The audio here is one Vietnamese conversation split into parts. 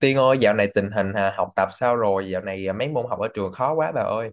Tiên ơi, dạo này tình hình học tập sao rồi? Dạo này mấy môn học ở trường khó quá bà ơi.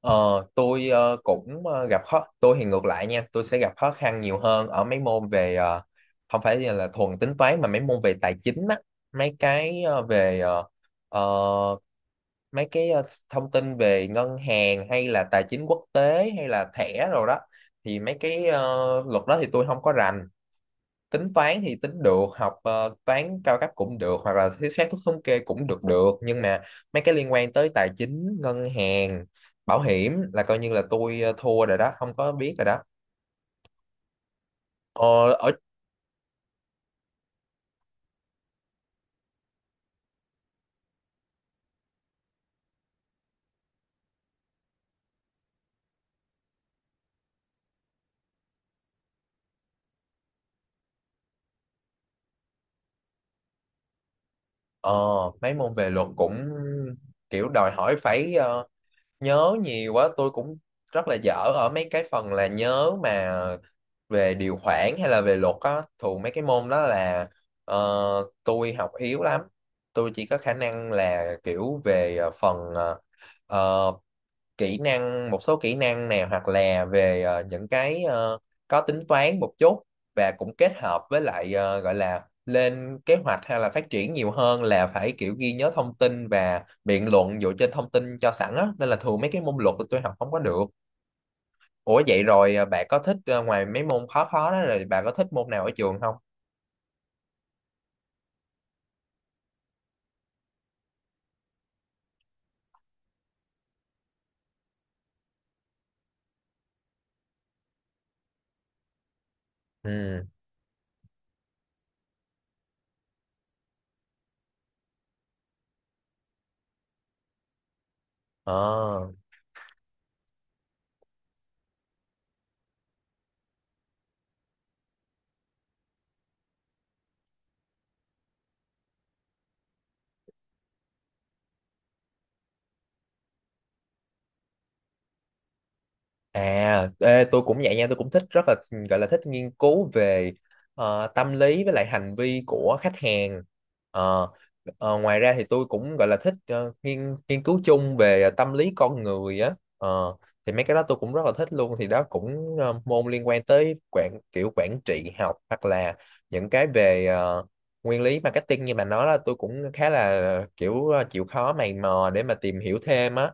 Ờ, tôi cũng gặp khó, tôi thì ngược lại nha, tôi sẽ gặp khó khăn nhiều hơn ở mấy môn về không phải là thuần tính toán mà mấy môn về tài chính á, mấy cái ờ, về ờ, ờ, mấy cái thông tin về ngân hàng hay là tài chính quốc tế hay là thẻ rồi đó. Thì mấy cái luật đó thì tôi không có rành. Tính toán thì tính được, học toán cao cấp cũng được, hoặc là thiết xác thuốc thống kê cũng được được, nhưng mà mấy cái liên quan tới tài chính ngân hàng, bảo hiểm là coi như là tôi thua rồi đó, không có biết rồi đó. ờ, ở ờ, Mấy môn về luật cũng kiểu đòi hỏi phải nhớ nhiều quá, tôi cũng rất là dở ở mấy cái phần là nhớ mà, về điều khoản hay là về luật á. Thường mấy cái môn đó là ờ, tôi học yếu lắm. Tôi chỉ có khả năng là kiểu về phần ờ, kỹ năng, một số kỹ năng nào, hoặc là về những cái có tính toán một chút, và cũng kết hợp với lại gọi là lên kế hoạch hay là phát triển, nhiều hơn là phải kiểu ghi nhớ thông tin và biện luận dựa trên thông tin cho sẵn á, nên là thường mấy cái môn luật tôi học không có được. Ủa, vậy rồi bà có thích ngoài mấy môn khó khó đó, rồi bạn có thích môn nào ở trường không? Ừ. Ờ. À, ê, tôi cũng vậy nha, tôi cũng thích, rất là gọi là thích nghiên cứu về tâm lý với lại hành vi của khách hàng. Ờ, ngoài ra thì tôi cũng gọi là thích nghiên nghiên cứu chung về tâm lý con người á. Ờ, thì mấy cái đó tôi cũng rất là thích luôn. Thì đó cũng môn liên quan tới kiểu quản trị học, hoặc là những cái về nguyên lý marketing như bạn nói, là tôi cũng khá là kiểu chịu khó mày mò để mà tìm hiểu thêm á.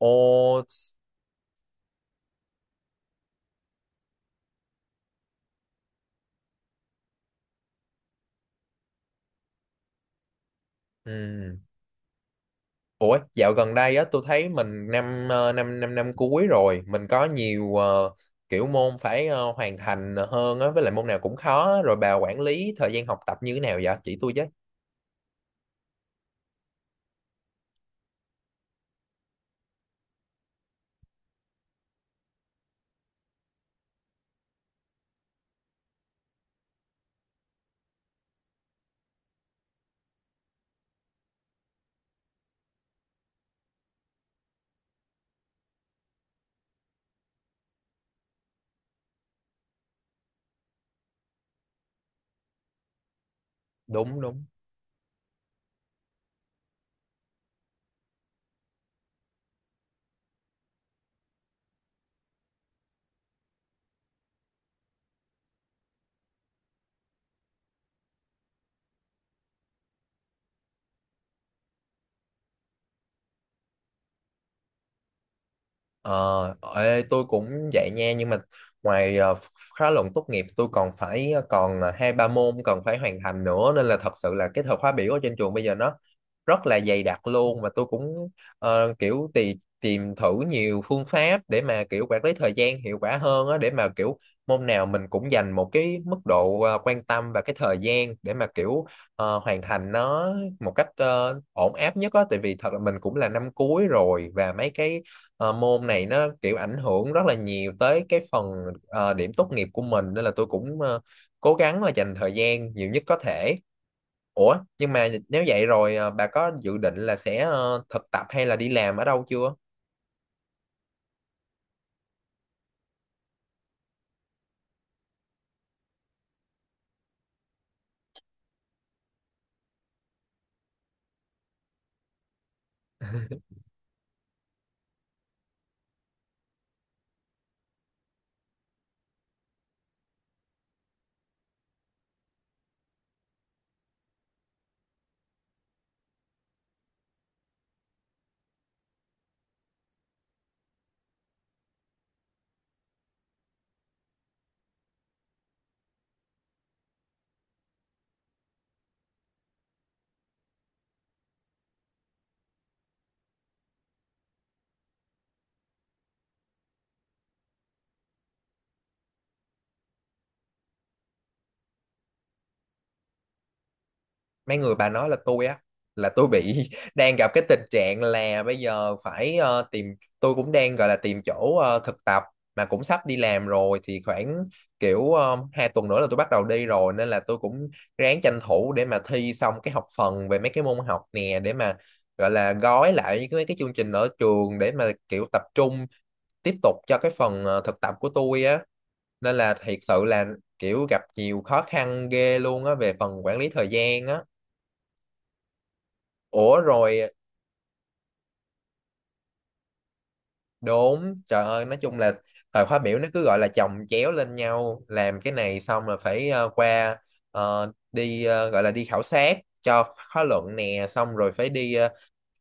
Ồ, ừ. Ủa, dạo gần đây á tôi thấy mình năm ờ, năm năm năm cuối rồi, mình có nhiều kiểu môn phải hoàn thành hơn á, với lại môn nào cũng khó á. Rồi bà quản lý thời gian học tập như thế nào vậy? Chỉ tôi chứ. Đúng đúng. Ờ, ê, tôi cũng vậy nha, nhưng mà ngoài khóa luận tốt nghiệp tôi còn phải ờ, còn ờ, hai ba môn cần phải hoàn thành nữa, nên là thật sự là cái thời khóa biểu ở trên trường bây giờ nó rất là dày đặc luôn, và tôi cũng kiểu tìm thử nhiều phương pháp để mà kiểu quản lý thời gian hiệu quả hơn á, để mà kiểu môn nào mình cũng dành một cái mức độ quan tâm và cái thời gian để mà kiểu hoàn thành nó một cách ổn áp nhất á, tại vì thật là mình cũng là năm cuối rồi, và mấy cái môn này nó kiểu ảnh hưởng rất là nhiều tới cái phần điểm tốt nghiệp của mình, nên là tôi cũng cố gắng là dành thời gian nhiều nhất có thể. Ủa, nhưng mà nếu vậy rồi bà có dự định là sẽ thực tập hay là đi làm ở đâu chưa? Mấy người bà nói là tôi á, là tôi bị đang gặp cái tình trạng là bây giờ phải tìm, tôi cũng đang gọi là tìm chỗ thực tập mà cũng sắp đi làm rồi, thì khoảng kiểu hai tuần nữa là tôi bắt đầu đi rồi, nên là tôi cũng ráng tranh thủ để mà thi xong cái học phần về mấy cái môn học nè, để mà gọi là gói lại những cái mấy cái chương trình ở trường để mà kiểu tập trung tiếp tục cho cái phần thực tập của tôi á, nên là thiệt sự là kiểu gặp nhiều khó khăn ghê luôn á về phần quản lý thời gian á. Ủa rồi, đúng, trời ơi, nói chung là thời khóa biểu nó cứ gọi là chồng chéo lên nhau, làm cái này xong là phải qua đi gọi là đi khảo sát cho khóa luận nè, xong rồi phải đi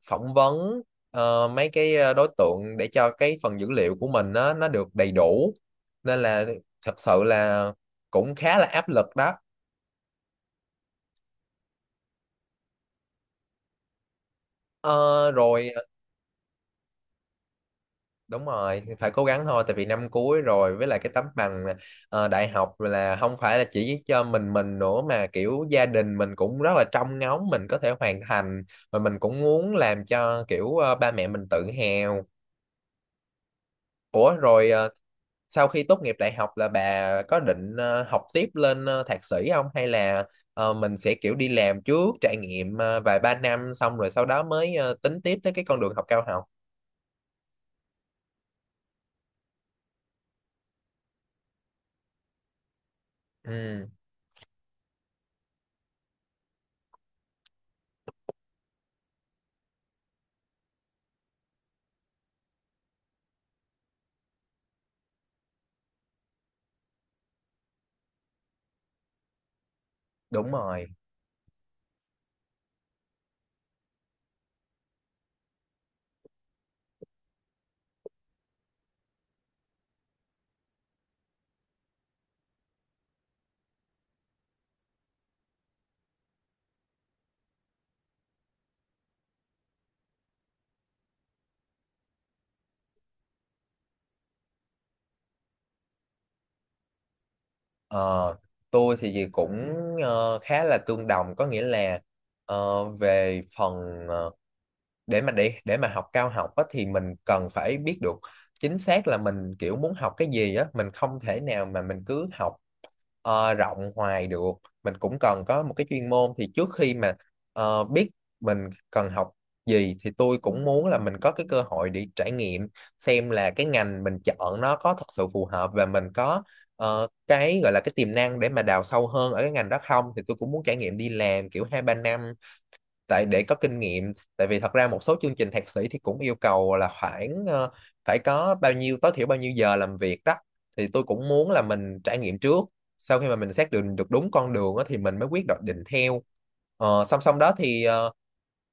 phỏng vấn mấy cái đối tượng để cho cái phần dữ liệu của mình nó được đầy đủ, nên là thật sự là cũng khá là áp lực đó. Ờ, rồi đúng rồi, thì phải cố gắng thôi, tại vì năm cuối rồi, với lại cái tấm bằng đại học là không phải là chỉ cho mình nữa, mà kiểu gia đình mình cũng rất là trông ngóng mình có thể hoàn thành, và mình cũng muốn làm cho kiểu ba mẹ mình tự hào. Ủa rồi sau khi tốt nghiệp đại học là bà có định học tiếp lên thạc sĩ không, hay là mình sẽ kiểu đi làm trước, trải nghiệm vài ba năm xong rồi sau đó mới tính tiếp tới cái con đường học cao học? Ừ, đúng rồi. Ờ, tôi thì gì cũng khá là tương đồng, có nghĩa là về phần ờ, để mà học cao học á, thì mình cần phải biết được chính xác là mình kiểu muốn học cái gì á. Mình không thể nào mà mình cứ học rộng hoài được, mình cũng cần có một cái chuyên môn. Thì trước khi mà biết mình cần học gì thì tôi cũng muốn là mình có cái cơ hội để trải nghiệm xem là cái ngành mình chọn nó có thật sự phù hợp và mình có cái gọi là cái tiềm năng để mà đào sâu hơn ở cái ngành đó không. Thì tôi cũng muốn trải nghiệm đi làm kiểu hai ba năm, tại để có kinh nghiệm, tại vì thật ra một số chương trình thạc sĩ thì cũng yêu cầu là khoảng phải có bao nhiêu, tối thiểu bao nhiêu giờ làm việc đó. Thì tôi cũng muốn là mình trải nghiệm trước, sau khi mà mình xác định được đúng con đường á, thì mình mới quyết định theo. Ờ, song song đó thì ờ,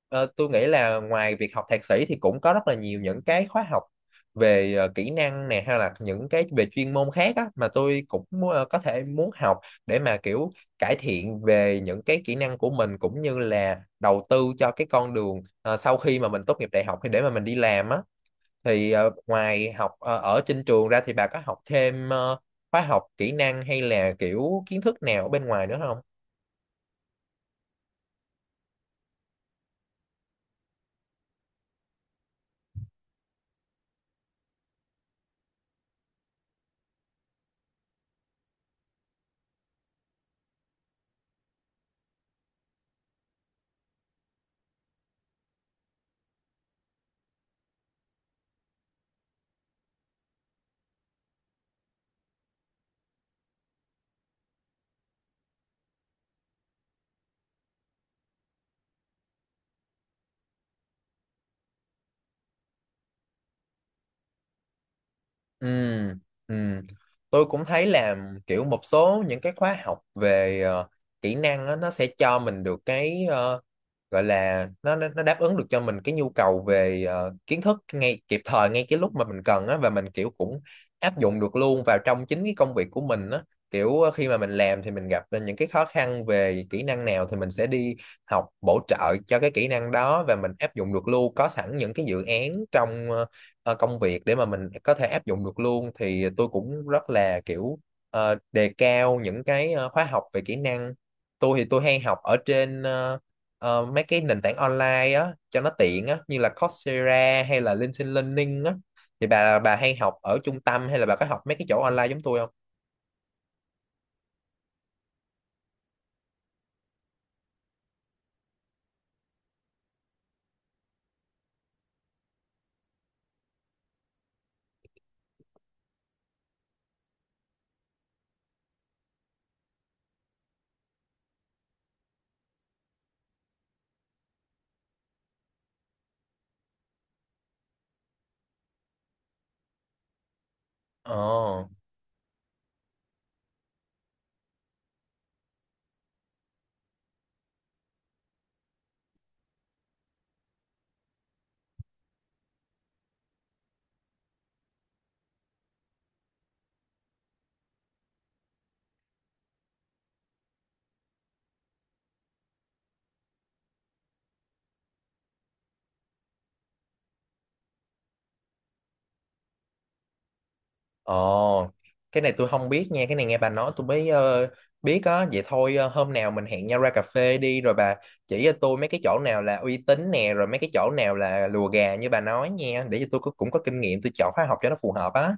ờ, tôi nghĩ là ngoài việc học thạc sĩ thì cũng có rất là nhiều những cái khóa học về kỹ năng nè, hay là những cái về chuyên môn khác á, mà tôi cũng có thể muốn học để mà kiểu cải thiện về những cái kỹ năng của mình, cũng như là đầu tư cho cái con đường sau khi mà mình tốt nghiệp đại học thì để mà mình đi làm á. Thì ngoài học ở trên trường ra thì bà có học thêm khóa học kỹ năng hay là kiểu kiến thức nào ở bên ngoài nữa không? Ừ, ừ. Tôi cũng thấy là kiểu một số những cái khóa học về kỹ năng á, nó sẽ cho mình được cái gọi là nó đáp ứng được cho mình cái nhu cầu về kiến thức ngay kịp thời, ngay cái lúc mà mình cần á, và mình kiểu cũng áp dụng được luôn vào trong chính cái công việc của mình á. Kiểu khi mà mình làm thì mình gặp những cái khó khăn về kỹ năng nào thì mình sẽ đi học bổ trợ cho cái kỹ năng đó, và mình áp dụng được luôn, có sẵn những cái dự án trong công việc để mà mình có thể áp dụng được luôn. Thì tôi cũng rất là kiểu đề cao những cái khóa học về kỹ năng. Tôi thì tôi hay học ở trên mấy cái nền tảng online á cho nó tiện á, như là Coursera hay là LinkedIn Learning á. Thì bà hay học ở trung tâm hay là bà có học mấy cái chỗ online giống tôi không? Ồ, ồ, cái này tôi không biết nha, cái này nghe bà nói tôi mới biết á. Vậy thôi hôm nào mình hẹn nhau ra cà phê đi, rồi bà chỉ cho tôi mấy cái chỗ nào là uy tín nè, rồi mấy cái chỗ nào là lùa gà như bà nói nha, để cho tôi cũng có kinh nghiệm, tôi chọn khóa học cho nó phù hợp á.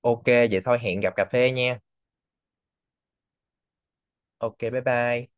Ok, vậy thôi hẹn gặp cà phê nha. Ok, bye bye.